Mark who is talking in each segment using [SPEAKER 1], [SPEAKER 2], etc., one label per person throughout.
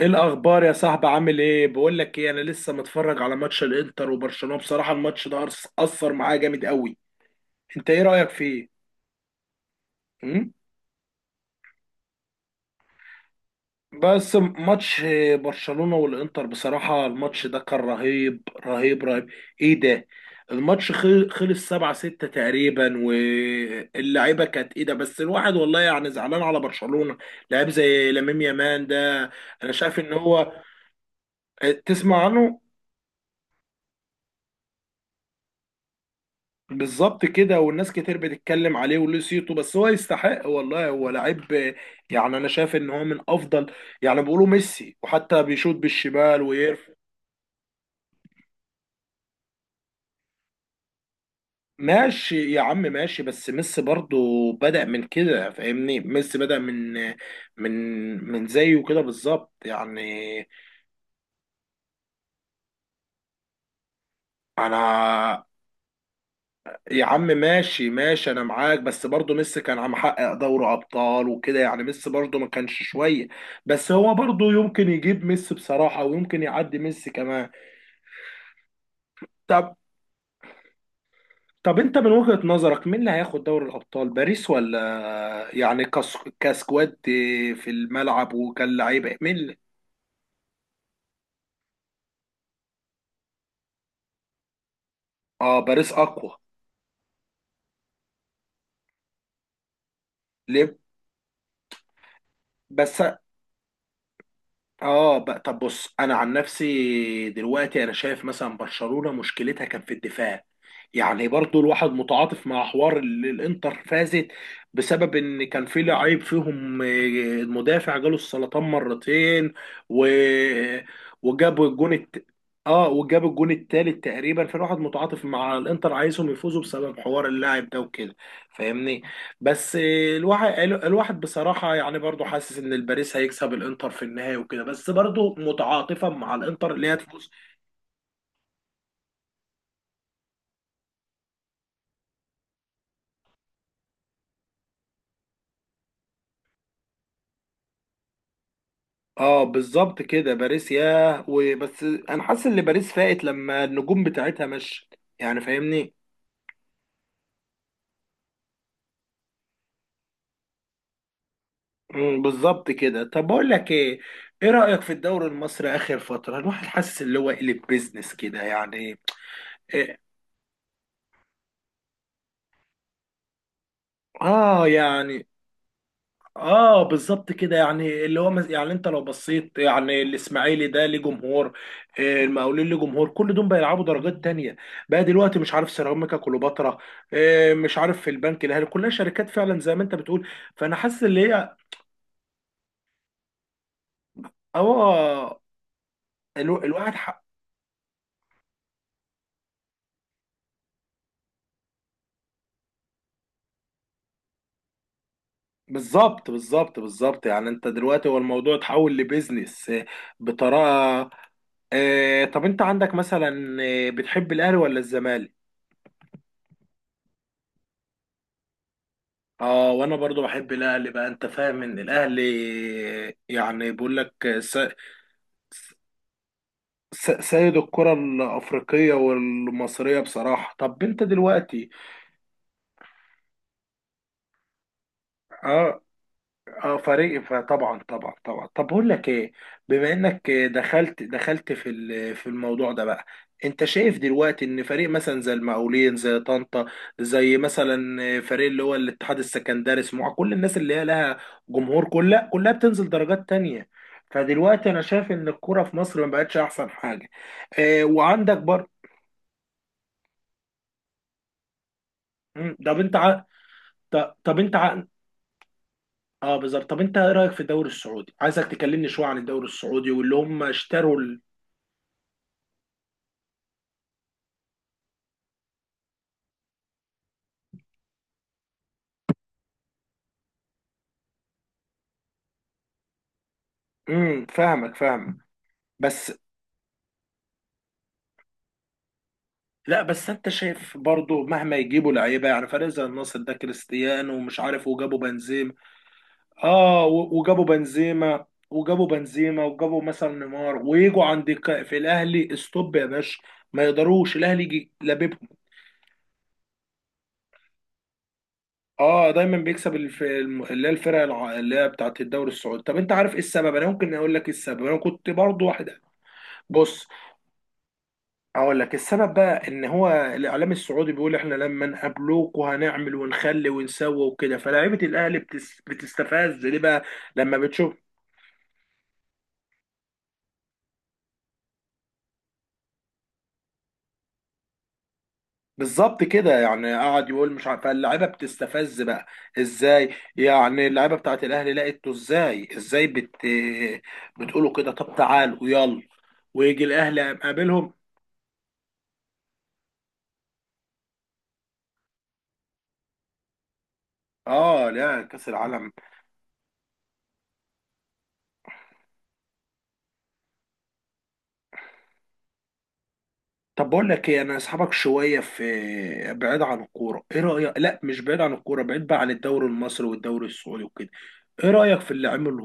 [SPEAKER 1] ايه الاخبار يا صاحبي؟ عامل ايه؟ بقول لك ايه، انا لسه متفرج على ماتش الانتر وبرشلونة. بصراحة الماتش ده اثر معايا جامد قوي. انت ايه رأيك فيه؟ امم بس ماتش برشلونة والانتر، بصراحة الماتش ده كان رهيب رهيب رهيب. ايه ده؟ الماتش خلص 7-6 تقريبا، واللعيبة كانت ايه ده؟ بس الواحد والله يعني زعلان على برشلونة. لعيب زي لامين يامال ده، انا شايف ان هو آه، تسمع عنه. بالظبط كده، والناس كتير بتتكلم عليه وليه صيته، بس هو يستحق والله، هو لعيب. يعني انا شايف ان هو من افضل، يعني بيقولوا ميسي، وحتى بيشوط بالشمال ويرف. ماشي يا عم ماشي، بس ميسي برضو بدأ من كده، فاهمني؟ ميسي بدأ من من من زيه كده بالظبط يعني. انا يا عم ماشي ماشي، انا معاك، بس برضه ميسي كان عم حقق دوري ابطال وكده، يعني ميسي برضه ما كانش شويه، بس هو برضه يمكن يجيب ميسي بصراحه، ويمكن يعدي ميسي كمان. طب طب انت من وجهة نظرك مين اللي هياخد دوري الابطال؟ باريس ولا يعني كس... كسكواد في الملعب وكلاعيبه، مين اللي...؟ اه، باريس اقوى. ليه بس؟ اه بقى، طب بص، انا عن نفسي دلوقتي انا شايف مثلا برشلونة مشكلتها كان في الدفاع. يعني برضو الواحد متعاطف مع حوار الانتر، فازت بسبب ان كان في لعيب فيهم آه، المدافع جاله السرطان مرتين و... وجاب الجون الت... اه وجاب الجون التالت تقريبا، فالواحد متعاطف مع الانتر، عايزهم يفوزوا بسبب حوار اللاعب ده وكده، فاهمني؟ بس الواحد بصراحة يعني برضو حاسس ان الباريس هيكسب الانتر في النهاية وكده، بس برضو متعاطفا مع الانتر اللي هي تفوز. اه بالظبط كده، باريس ياه. وبس انا حاسس ان باريس فاقت لما النجوم بتاعتها مشت، يعني فاهمني؟ مم، بالظبط كده. طب بقول لك ايه، ايه رأيك في الدوري المصري اخر فترة؟ الواحد حاسس اللي هو قلب بيزنس كده يعني. إيه؟ اه يعني، اه بالظبط كده، يعني اللي هو مز... يعني انت لو بصيت، يعني الاسماعيلي ده ليه جمهور آه، المقاولين ليه جمهور، كل دول بيلعبوا درجات تانية بقى دلوقتي. مش عارف سيراميكا كليوباترا آه، مش عارف في البنك الاهلي، كلها شركات فعلا زي ما انت بتقول. فانا حاسس ان هي اه، الو... الواحد حق. بالظبط بالظبط بالظبط، يعني انت دلوقتي هو الموضوع اتحول لبيزنس آه، بطريقة. آه، طب انت عندك مثلا آه، بتحب الاهلي ولا الزمالك؟ اه وانا برضو بحب الاهلي بقى، انت فاهم ان الاهلي يعني بيقول لك س- سيد الكرة الافريقية والمصرية بصراحة. طب انت دلوقتي اه، اه فريق، فطبعا طبعا طبعا. طب بقول لك ايه، بما انك دخلت في في الموضوع ده بقى، انت شايف دلوقتي ان فريق مثلا زي المقاولين، زي طنطا، زي مثلا فريق اللي هو الاتحاد السكندري، سموحه، كل الناس اللي هي لها جمهور، كلها كلها بتنزل درجات تانية. فدلوقتي انا شايف ان الكرة في مصر ما بقتش احسن حاجة. اه وعندك برضه، مم، طب انت ع... طب انت ع... اه بالظبط. طب انت ايه رايك في الدوري السعودي؟ عايزك تكلمني شويه عن الدوري السعودي واللي هم اشتروا. فاهمك فاهمك، بس لا، بس انت شايف برضو مهما يجيبوا لعيبه، يعني فريق زي النصر ده، كريستيانو ومش عارف، وجابوا بنزيما. اه، وجابوا مثلا نيمار، ويجوا عند في الاهلي، استوب يا باشا، ما يقدروش الاهلي يجي لاببهم. اه دايما بيكسب اللي هي الفرق اللي هي بتاعت الدوري السعودي. طب انت عارف ايه السبب؟ انا ممكن اقول لك ايه السبب، انا كنت برضو واحد. بص اقول لك السبب بقى، ان هو الاعلام السعودي بيقول احنا لما نقابلوك وهنعمل ونخلي ونسوي وكده، فلاعيبه الاهلي بتستفز ليه بقى لما بتشوف. بالظبط كده، يعني قعد يقول مش عارف، فاللعيبه بتستفز بقى. ازاي يعني اللعيبه بتاعت الاهلي لقيته ازاي، ازاي بتقولوا كده؟ طب تعالوا يلا، ويجي الاهلي قابلهم. اه لا، كاس العالم. طب بقول لك ايه، انا اسحبك شويه في بعيد عن الكوره. ايه رايك؟ لا مش بعيد عن الكوره، بعيد بقى عن الدوري المصري والدوري السعودي وكده. ايه رايك في اللي عمله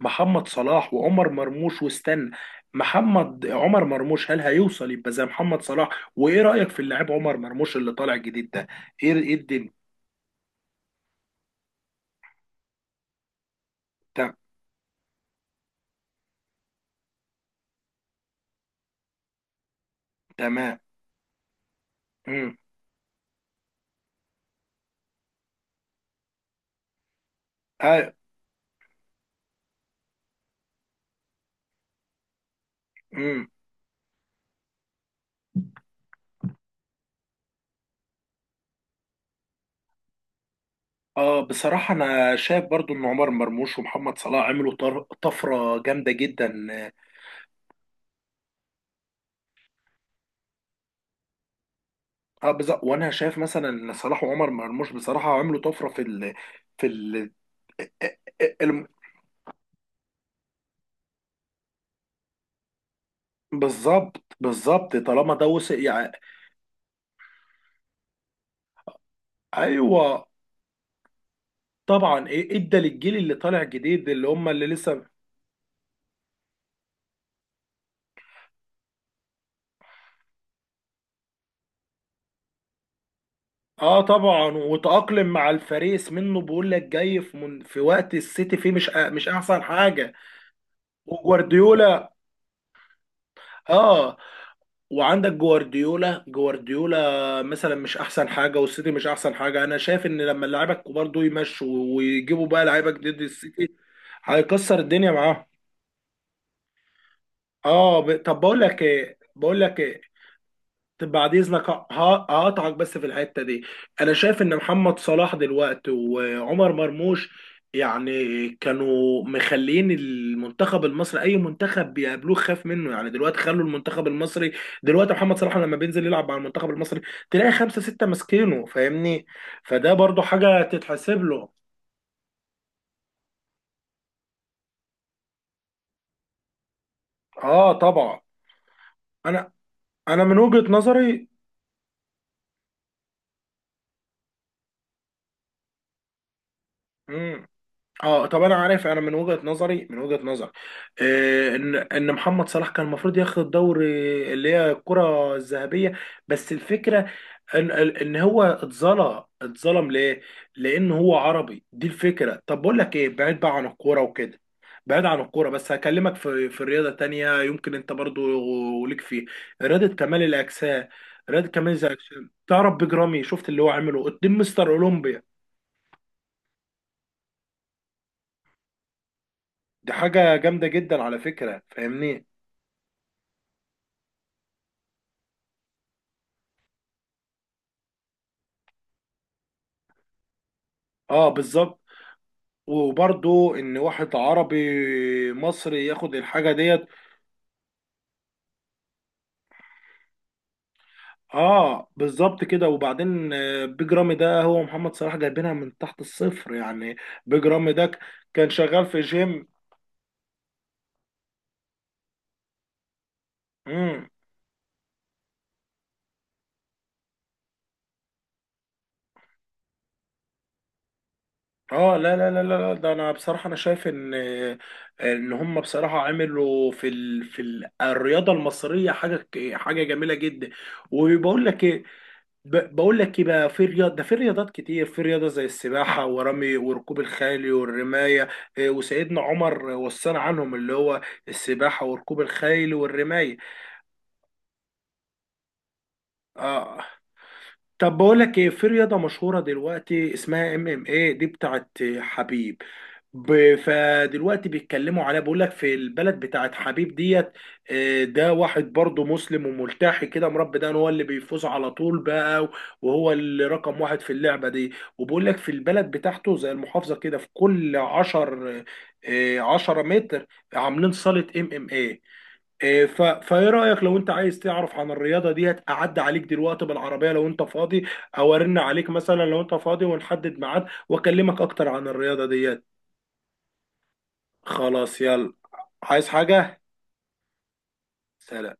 [SPEAKER 1] محمد صلاح وعمر مرموش؟ واستنى، محمد، عمر مرموش، هل هيوصل يبقى زي محمد صلاح؟ وايه رايك في اللاعب عمر مرموش اللي طالع جديد ده؟ ايه ايه الدنيا؟ ت- تمام. امم اه. امم اه بصراحه انا شايف برضو ان عمر مرموش ومحمد صلاح عملوا طفره جامده جدا. اه بالظبط، وانا شايف مثلا ان صلاح وعمر مرموش بصراحه عملوا طفره في في ال الم- بالظبط بالظبط، طالما ده وصل يعني. ايوه طبعا، ايه ادى للجيل اللي طالع جديد، اللي هم اللي لسه اه طبعا، وتأقلم مع الفريس منه، بيقول لك جاي في من في وقت السيتي فيه مش مش احسن حاجه. وجوارديولا، اه وعندك جوارديولا، جوارديولا مثلا مش احسن حاجه، والسيتي مش احسن حاجه. انا شايف ان لما اللعيبه الكبار دول يمشوا، ويجيبوا بقى لعيبه جديد، السيتي هيكسر الدنيا معاهم. اه ب... طب بقول لك ايه، بقول لك ايه، طب بعد اذنك هقطعك بس في الحته دي. انا شايف ان محمد صلاح دلوقتي وعمر مرموش يعني كانوا مخلين المنتخب المصري اي منتخب بيقابلوه خاف منه، يعني دلوقتي خلوا المنتخب المصري، دلوقتي محمد صلاح لما بينزل يلعب مع المنتخب المصري، تلاقي خمسه سته ماسكينه، فاهمني؟ فده برضو حاجه تتحسب له. اه طبعا، انا، انا من وجهه نظري، مم. اه طب انا عارف، انا من وجهة نظري، من وجهة نظري آه، ان ان محمد صلاح كان المفروض ياخد الدوري اللي هي الكرة الذهبية، بس الفكرة ان ان هو اتظلم، اتظلم ليه؟ لان هو عربي، دي الفكرة. طب بقول لك ايه، بعيد بقى عن الكورة وكده، بعيد عن الكورة، بس هكلمك في في رياضة تانية يمكن انت برضو ليك فيه، رياضة كمال الاجسام. رياضة كمال الاجسام، تعرف بيج رامي؟ شفت اللي هو عمله قدام مستر اولمبيا؟ دي حاجة جامدة جدا على فكرة، فاهمني؟ اه بالظبط، وبرضو ان واحد عربي مصري ياخد الحاجه ديت. اه بالظبط كده، وبعدين آه، بيج رامي ده هو محمد صلاح، جايبينها من تحت الصفر يعني. بيج رامي ده كان شغال في جيم. امم اه لا لا لا لا لا، ده انا بصراحه انا شايف ان آه، ان هم بصراحه عملوا في ال... في الرياضه المصريه حاجه حاجه جميله جدا. وبقول لك ايه، بقول لك ايه بقى، في رياض ده، في رياضات كتير، في رياضه زي السباحه ورمي وركوب الخيل والرمايه، إيه، وسيدنا عمر وصانا عنهم، اللي هو السباحه وركوب الخيل والرمايه. اه طب بقول لك ايه، في رياضه مشهوره دلوقتي اسمها ام ام ايه، دي بتاعت حبيب. فدلوقتي بيتكلموا عليها، بيقول لك في البلد بتاعت حبيب ديت آه، ده واحد برضه مسلم وملتحي كده مربي، ده هو اللي بيفوز على طول بقى، وهو اللي رقم واحد في اللعبة دي. وبيقول لك في البلد بتاعته زي المحافظة كده، في كل عشر آه، 10 متر عاملين صالة ام ام ايه آه، فايه رأيك لو انت عايز تعرف عن الرياضة ديت، اعدي عليك دلوقتي بالعربية لو انت فاضي، او ارن عليك مثلا لو انت فاضي، ونحدد ميعاد واكلمك اكتر عن الرياضة ديت. خلاص يلا، عايز حاجة؟ سلام.